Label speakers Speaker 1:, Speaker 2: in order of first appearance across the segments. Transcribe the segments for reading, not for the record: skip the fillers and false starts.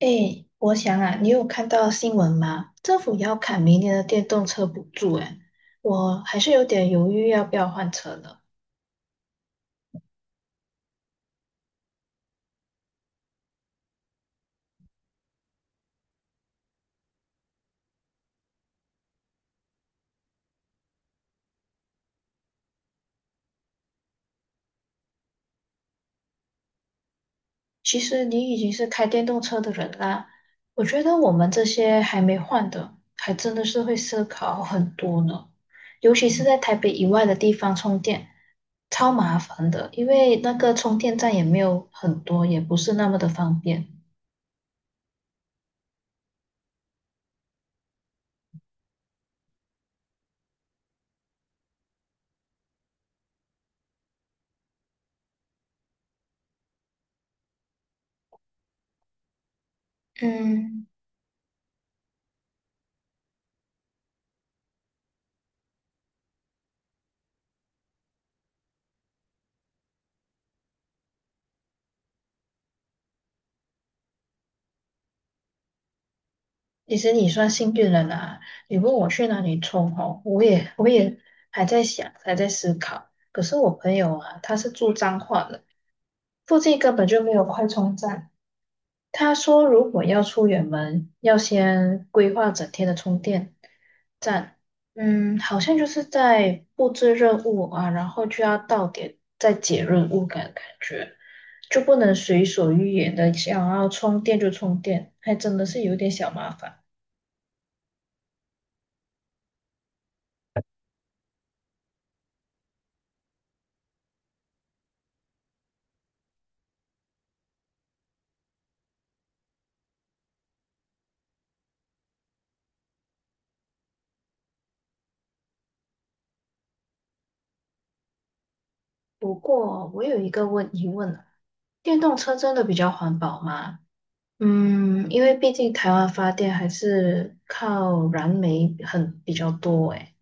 Speaker 1: 哎，我想啊，你有看到新闻吗？政府要砍明年的电动车补助，哎，我还是有点犹豫要不要换车呢。其实你已经是开电动车的人啦，我觉得我们这些还没换的，还真的是会思考很多呢。尤其是在台北以外的地方充电，超麻烦的，因为那个充电站也没有很多，也不是那么的方便。嗯，其实你算幸运了啦！你问我去哪里充哦，我也还在想，还在思考。可是我朋友啊，他是住彰化的，附近根本就没有快充站。他说，如果要出远门，要先规划整天的充电站。嗯，好像就是在布置任务啊，然后就要到点再解任务感觉，就不能随所欲言的想要充电就充电，还真的是有点小麻烦。不过我有一个疑问啊，电动车真的比较环保吗？嗯，因为毕竟台湾发电还是靠燃煤很比较多诶。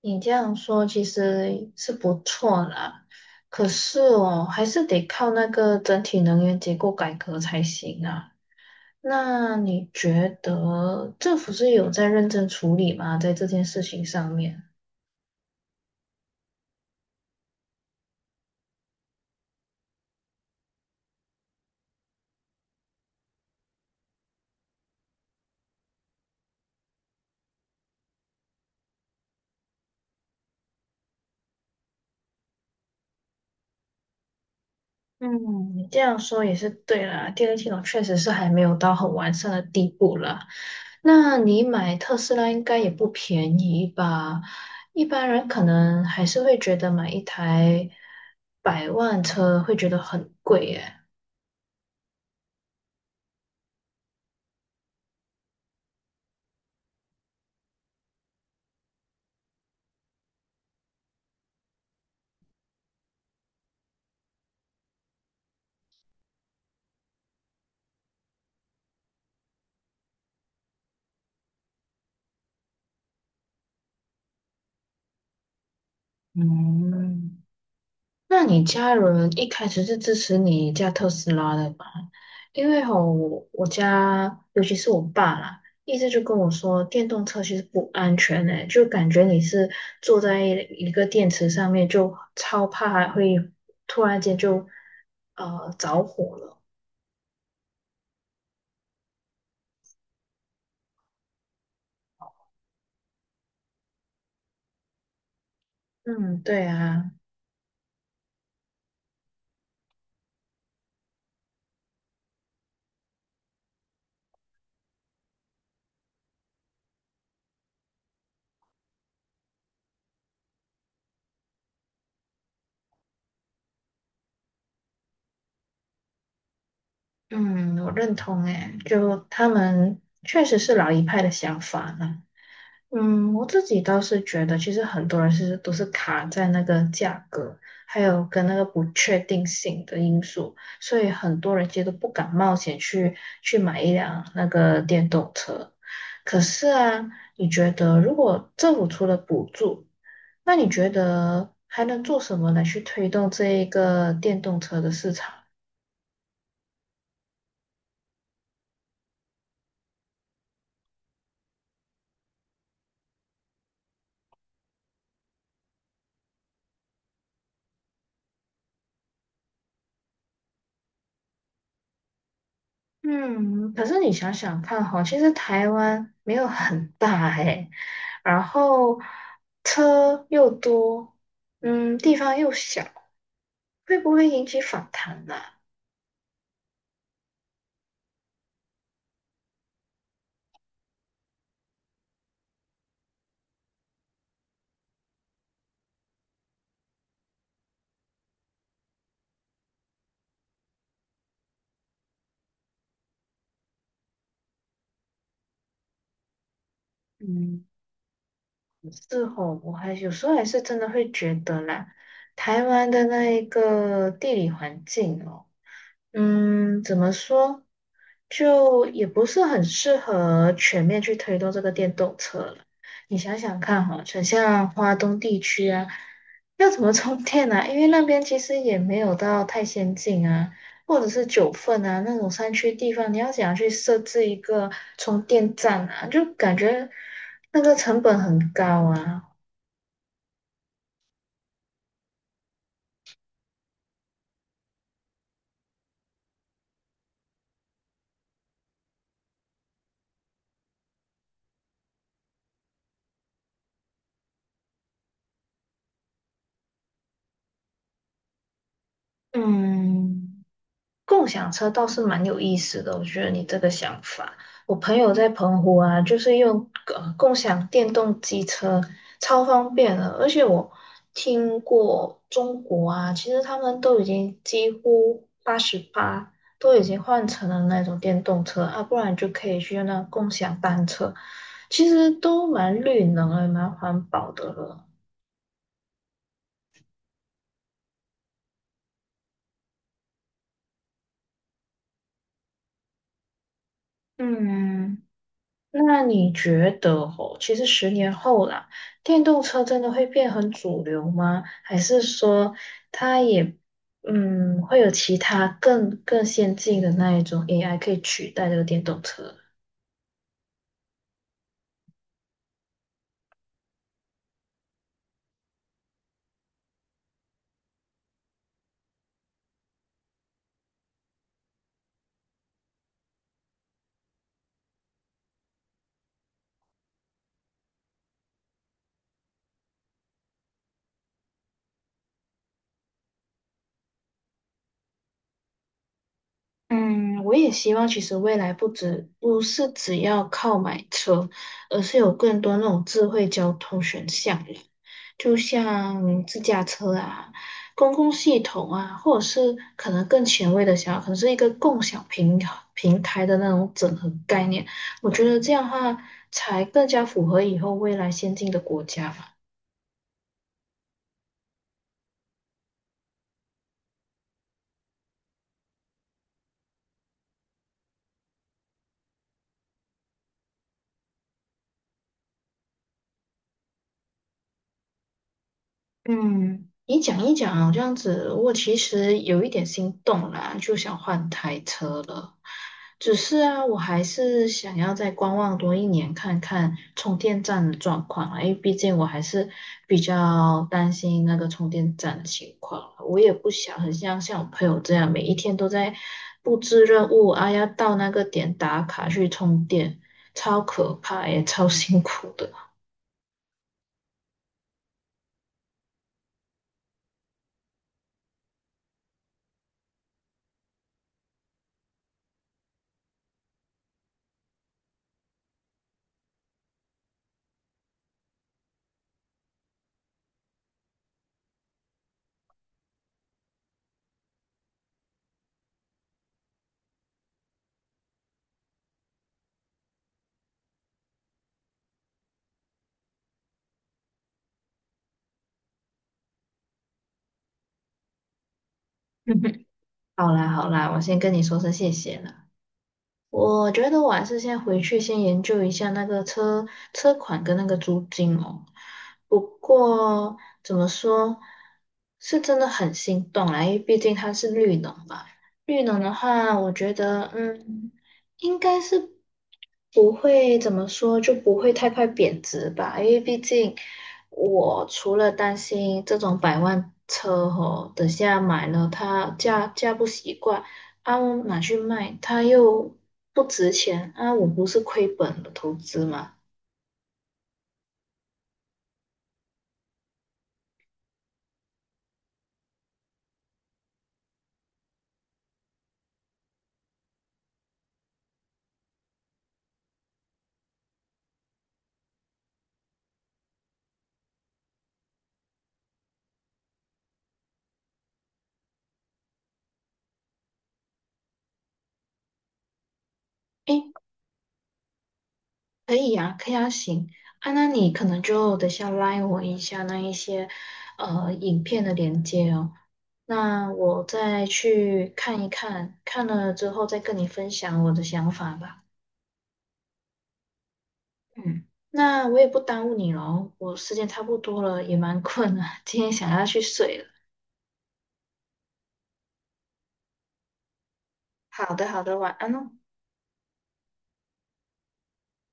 Speaker 1: 你这样说其实是不错啦，可是哦，还是得靠那个整体能源结构改革才行啊。那你觉得政府是有在认真处理吗？在这件事情上面？嗯，你这样说也是对啦，电力系统确实是还没有到很完善的地步啦。那你买特斯拉应该也不便宜吧？一般人可能还是会觉得买一台百万车会觉得很贵耶。嗯。那你家人一开始是支持你驾特斯拉的吧？因为吼，我我家尤其是我爸啦，一直就跟我说电动车其实不安全诶、就感觉你是坐在一个电池上面，就超怕还会突然间就着火了。嗯，对啊，嗯，我认同诶、就他们确实是老一派的想法啦。嗯，我自己倒是觉得，其实很多人都是卡在那个价格，还有跟那个不确定性的因素，所以很多人其实都不敢冒险去买一辆那个电动车。可是啊，你觉得如果政府出了补助，那你觉得还能做什么来去推动这一个电动车的市场？嗯，可是你想想看哈，其实台湾没有很大诶，然后车又多，嗯，地方又小，会不会引起反弹呢、嗯，是哦，我还有时候还是真的会觉得啦，台湾的那一个地理环境哦。嗯，怎么说？就也不是很适合全面去推动这个电动车了。你想想看哈，像花东地区啊，要怎么充电啊？因为那边其实也没有到太先进啊，或者是九份啊那种山区地方，你要怎样去设置一个充电站啊？就感觉那个成本很高啊。嗯。共享车倒是蛮有意思的，我觉得你这个想法。我朋友在澎湖啊，就是用共享电动机车，超方便的。而且我听过中国啊，其实他们都已经几乎八十八都已经换成了那种电动车啊，不然就可以去用那共享单车，其实都蛮绿能的，蛮环保的了。嗯。那你觉得哦，其实十年后啦，电动车真的会变很主流吗？还是说它也嗯会有其他更先进的那一种 AI 可以取代这个电动车？嗯，我也希望，其实未来不是只要靠买车，而是有更多那种智慧交通选项了就像自驾车啊、公共系统啊，或者是可能更前卫的想法，可能是一个共享平台的那种整合概念。我觉得这样的话，才更加符合以后未来先进的国家吧。嗯，你讲一讲这样子，我其实有一点心动啦，就想换台车了。只是啊，我还是想要再观望多一年，看看充电站的状况啊，因为毕竟我还是比较担心那个充电站的情况。我也不想很像我朋友这样，每一天都在布置任务啊，要到那个点打卡去充电，超可怕也超辛苦的。好啦好啦，我先跟你说声谢谢了。我觉得我还是先回去先研究一下那个车款跟那个租金哦。不过怎么说，是真的很心动啦，因为毕竟它是绿能嘛。绿能的话，我觉得嗯，应该是不会怎么说，就不会太快贬值吧。因为毕竟我除了担心这种百万车哦，等下买了它驾不习惯。啊，我拿去卖，它又不值钱啊，我不是亏本的投资吗？诶，可以呀、可以啊，行啊，那你可能就等下拉我一下那一些影片的连接哦，那我再去看一看，看了之后再跟你分享我的想法吧。嗯，那我也不耽误你喽，我时间差不多了，也蛮困了，今天想要去睡了。好的，好的，晚安哦。